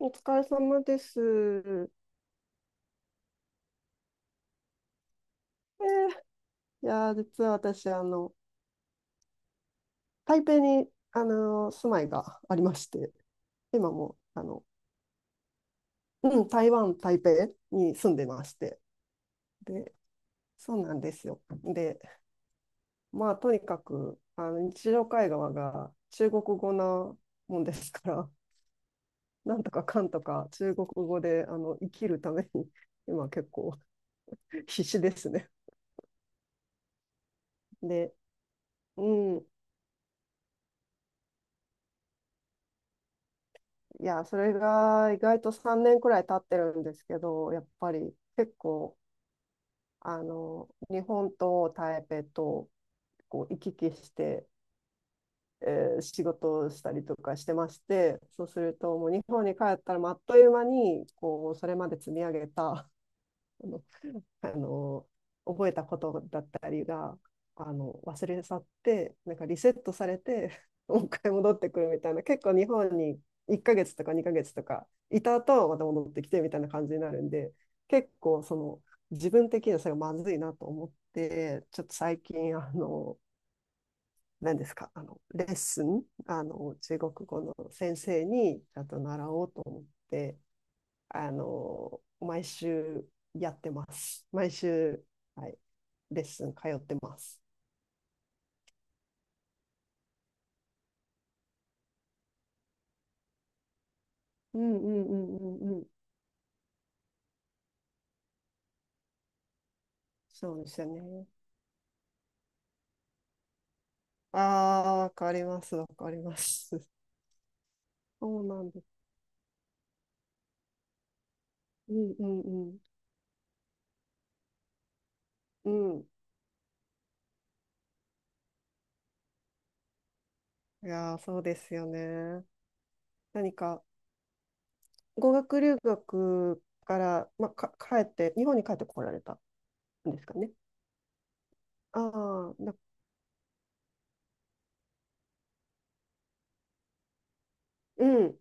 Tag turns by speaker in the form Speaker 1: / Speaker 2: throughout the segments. Speaker 1: お疲れ様です。実は私、台北に、住まいがありまして、今も、うん、台湾、台北に住んでまして。で、そうなんですよ。で、まあ、とにかく、日常会話が中国語なもんですから、なんとかかんとか中国語で、生きるために、今結構必死ですね。で、うん、いや、それが意外と3年くらい経ってるんですけど、やっぱり結構、日本と台北とこう行き来して、え仕事をしたりとかしてまして、そうするともう日本に帰ったらまああっという間に、こう、それまで積み上げた、あのあの覚えたことだったりが忘れ去ってなんかリセットされて もう一回戻ってくるみたいな。結構日本に1ヶ月とか2ヶ月とかいた後また戻ってきてみたいな感じになるんで、結構その、自分的にはそれがまずいなと思って、ちょっと最近、あの何ですかあのレッスン、中国語の先生にちゃんと習おうと思って、毎週やってます。毎週、はい、レッスン通ってます。うんうんうんうんうん。そうですよね。ああ、わかります、わかります。そうなんです。うんうんうん。うん。いやー、そうですよね。何か、語学留学から、帰って、日本に帰ってこられたんですかね。ああ、な、うん、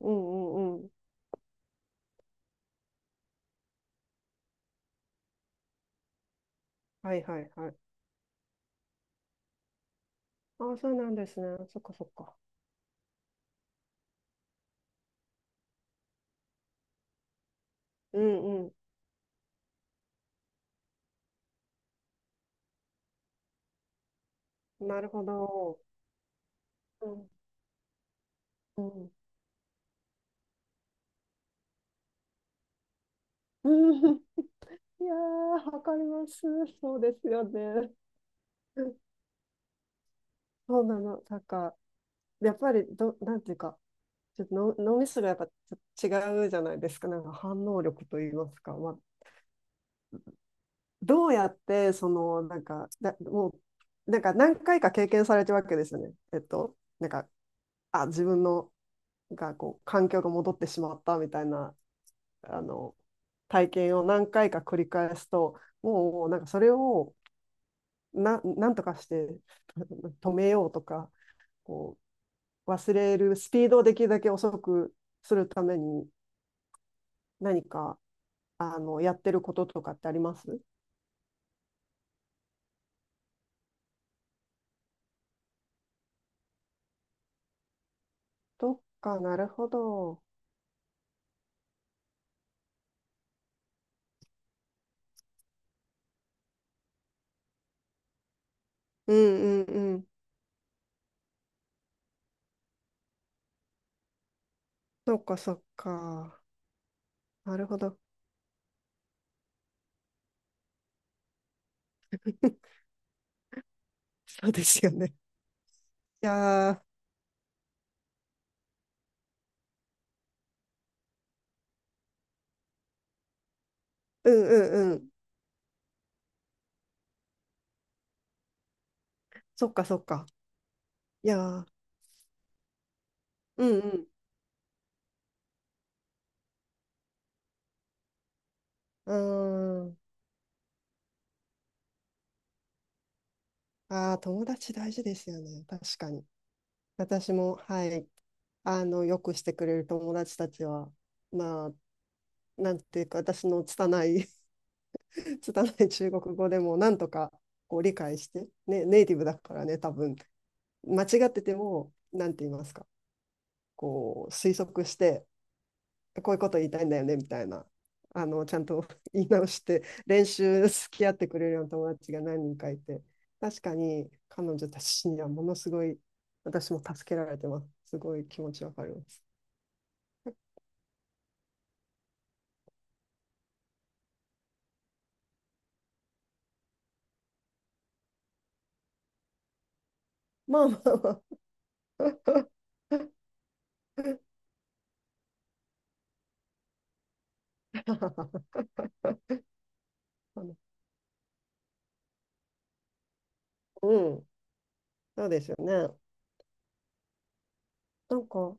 Speaker 1: うんうんうん。はいはいはい。ああ、そうなんですね。そっかそっか。うん、なるほど。うん。うん。うん、いやー、わかります。そうですよね。そうなの。なんか、やっぱりど、なんていうか、ちょっとの脳みそがやっぱちょっと違うじゃないですか。なんか反応力といいますか。まあ、どうやって、その、もう、なんか何回か経験されてるわけですよね。自分の、がこう、環境が戻ってしまったみたいな、あの体験を何回か繰り返すと、もうなんかそれをなんとかして止めようとか、こう忘れるスピードをできるだけ遅くするために、何かあのやってることとかってありますとか。なるほど。うんうんうん。そっかそっか。なるほど。そうですよね。いやー、うんうんうん。そっかそっか。いやー、うんうん。うーん。ああ、友達大事ですよね。確かに。私も、はい。よくしてくれる友達たちは、まあ、なんていうか、私の拙い 拙い中国語でも、なんとかこう理解して、ね、ネイティブだからね、多分、間違ってても、なんて言いますか、こう、推測して、こういうこと言いたいんだよねみたいな、ちゃんと言い直して練習付き合ってくれるような友達が何人かいて、確かに彼女たちにはものすごい私も助けられてます。すごい気持ちわかります。まあまあまあ。 うん、そうですよね。なんか、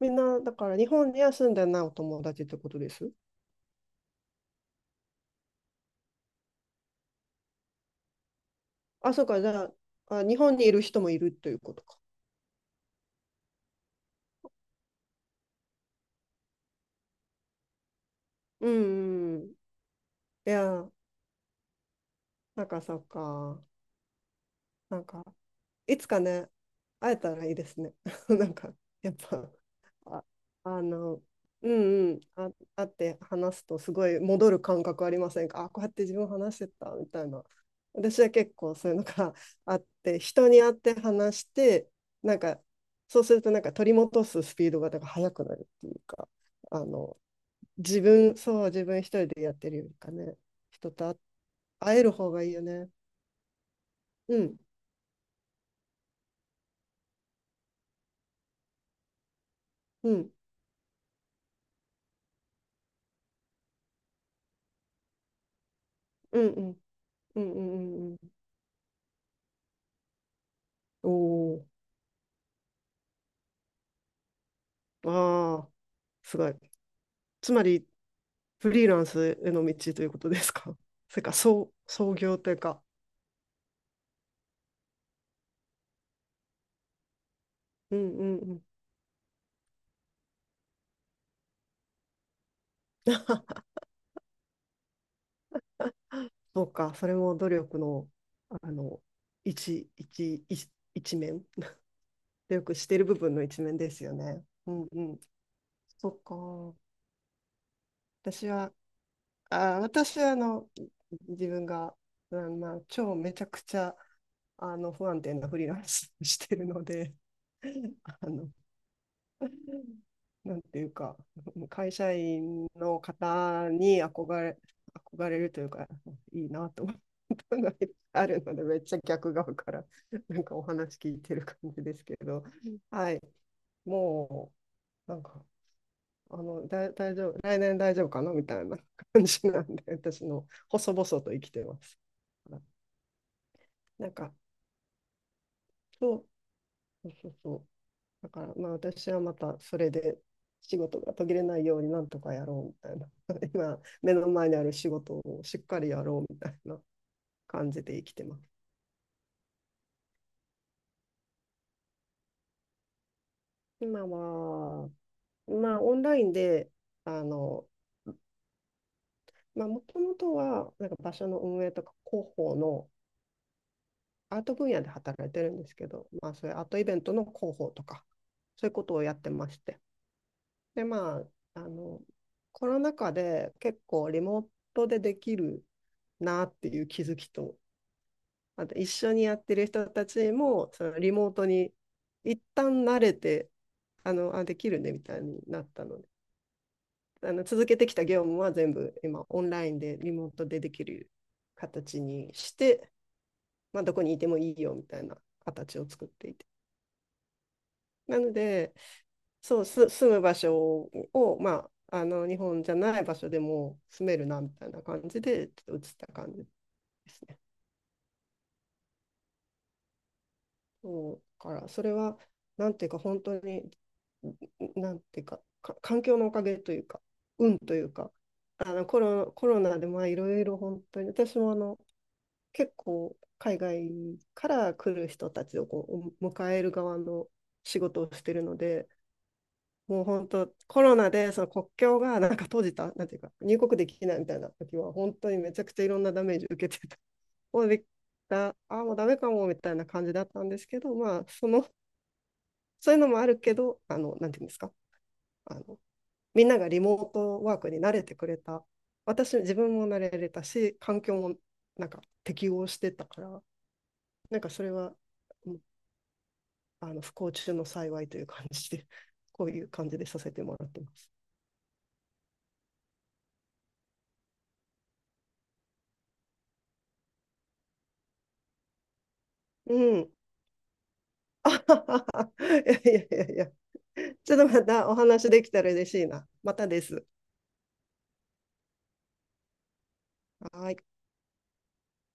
Speaker 1: みんなだから日本には住んでないお友達ってことです？あ、そうか。じゃああ日本にいる人もいるということか。うんうん、やなんかそうか。なんか、いつかね、会えたらいいですね。なんか、やっぱ、あ、あの、うんうん、あ、会って話すとすごい戻る感覚ありませんか？あ、こうやって自分話してたみたいな。私は結構そういうのが あって、人に会って話して、なんか、そうするとなんか取り戻すスピードがなんか速くなるっていうか、あの、自分、そう、自分一人でやってるよりかね、人と会える方がいいよね。うん、うん、うん、うん。うんうんうんうん。お、お、ああ、すごい。つまり、フリーランスへの道ということですか？それか、創業というか。うんうんうん。そうか、それも努力の、あの、一面。努力している部分の一面ですよね。うんうん。そっか。私は、あー、私は、あの、自分が、うん、まあ、超めちゃくちゃ、あの、不安定なフリーランスをしてるので、あの、なんていうか、会社員の方に憧れ、憧れるというか、いいなと思ったのがあるので、めっちゃ逆側からなんかお話聞いてる感じですけど、はい、もうなんか、大丈夫、来年大丈夫かなみたいな感じなんで、私の細々と生きてます。なんか、そそうそうそう。だから、まあ、私はまたそれで仕事が途切れないようになんとかやろうみたいな。今、目の前にある仕事をしっかりやろうみたいな感じで生きてます。今は、まあ、オンラインで、あの、まあ、もともとは、なんか場所の運営とか広報の、アート分野で働いてるんですけど、まあ、そういうアートイベントの広報とか、そういうことをやってまして。で、まあ、あの、コロナ禍で結構リモートでできるなっていう気づきと、あと一緒にやってる人たちも、そのリモートに一旦慣れて、できるねみたいになったので、あの続けてきた業務は全部今オンラインでリモートでできる形にして、まあ、どこにいてもいいよみたいな形を作っていて。なので、住む場所を、まあ、あの日本じゃない場所でも住めるなみたいな感じで、ちょっと移った感じですね。そうからそれは、なんていうか本当に、なんていうか、か環境のおかげというか、運というか、コロナでまあいろいろ本当に私もあの結構、海外から来る人たちをこう迎える側の仕事をしてるので、もう本当コロナでその国境がなんか閉じた、なんていうか入国できないみたいな時は、本当にめちゃくちゃいろんなダメージを受けてた。もうできた あ、もうダメかもみたいな感じだったんですけど、まあその、そういうのもあるけど、あの、なんていうんですか、あの、みんながリモートワークに慣れてくれた、私、自分も慣れれたし、環境もなんか適応してたから、なんかそれは、あの、不幸中の幸いという感じで、こういう感じでさせてもらってます。うん。あははは。いやいやいやいや。ちょっとまたお話できたら嬉しいな。またです。はい。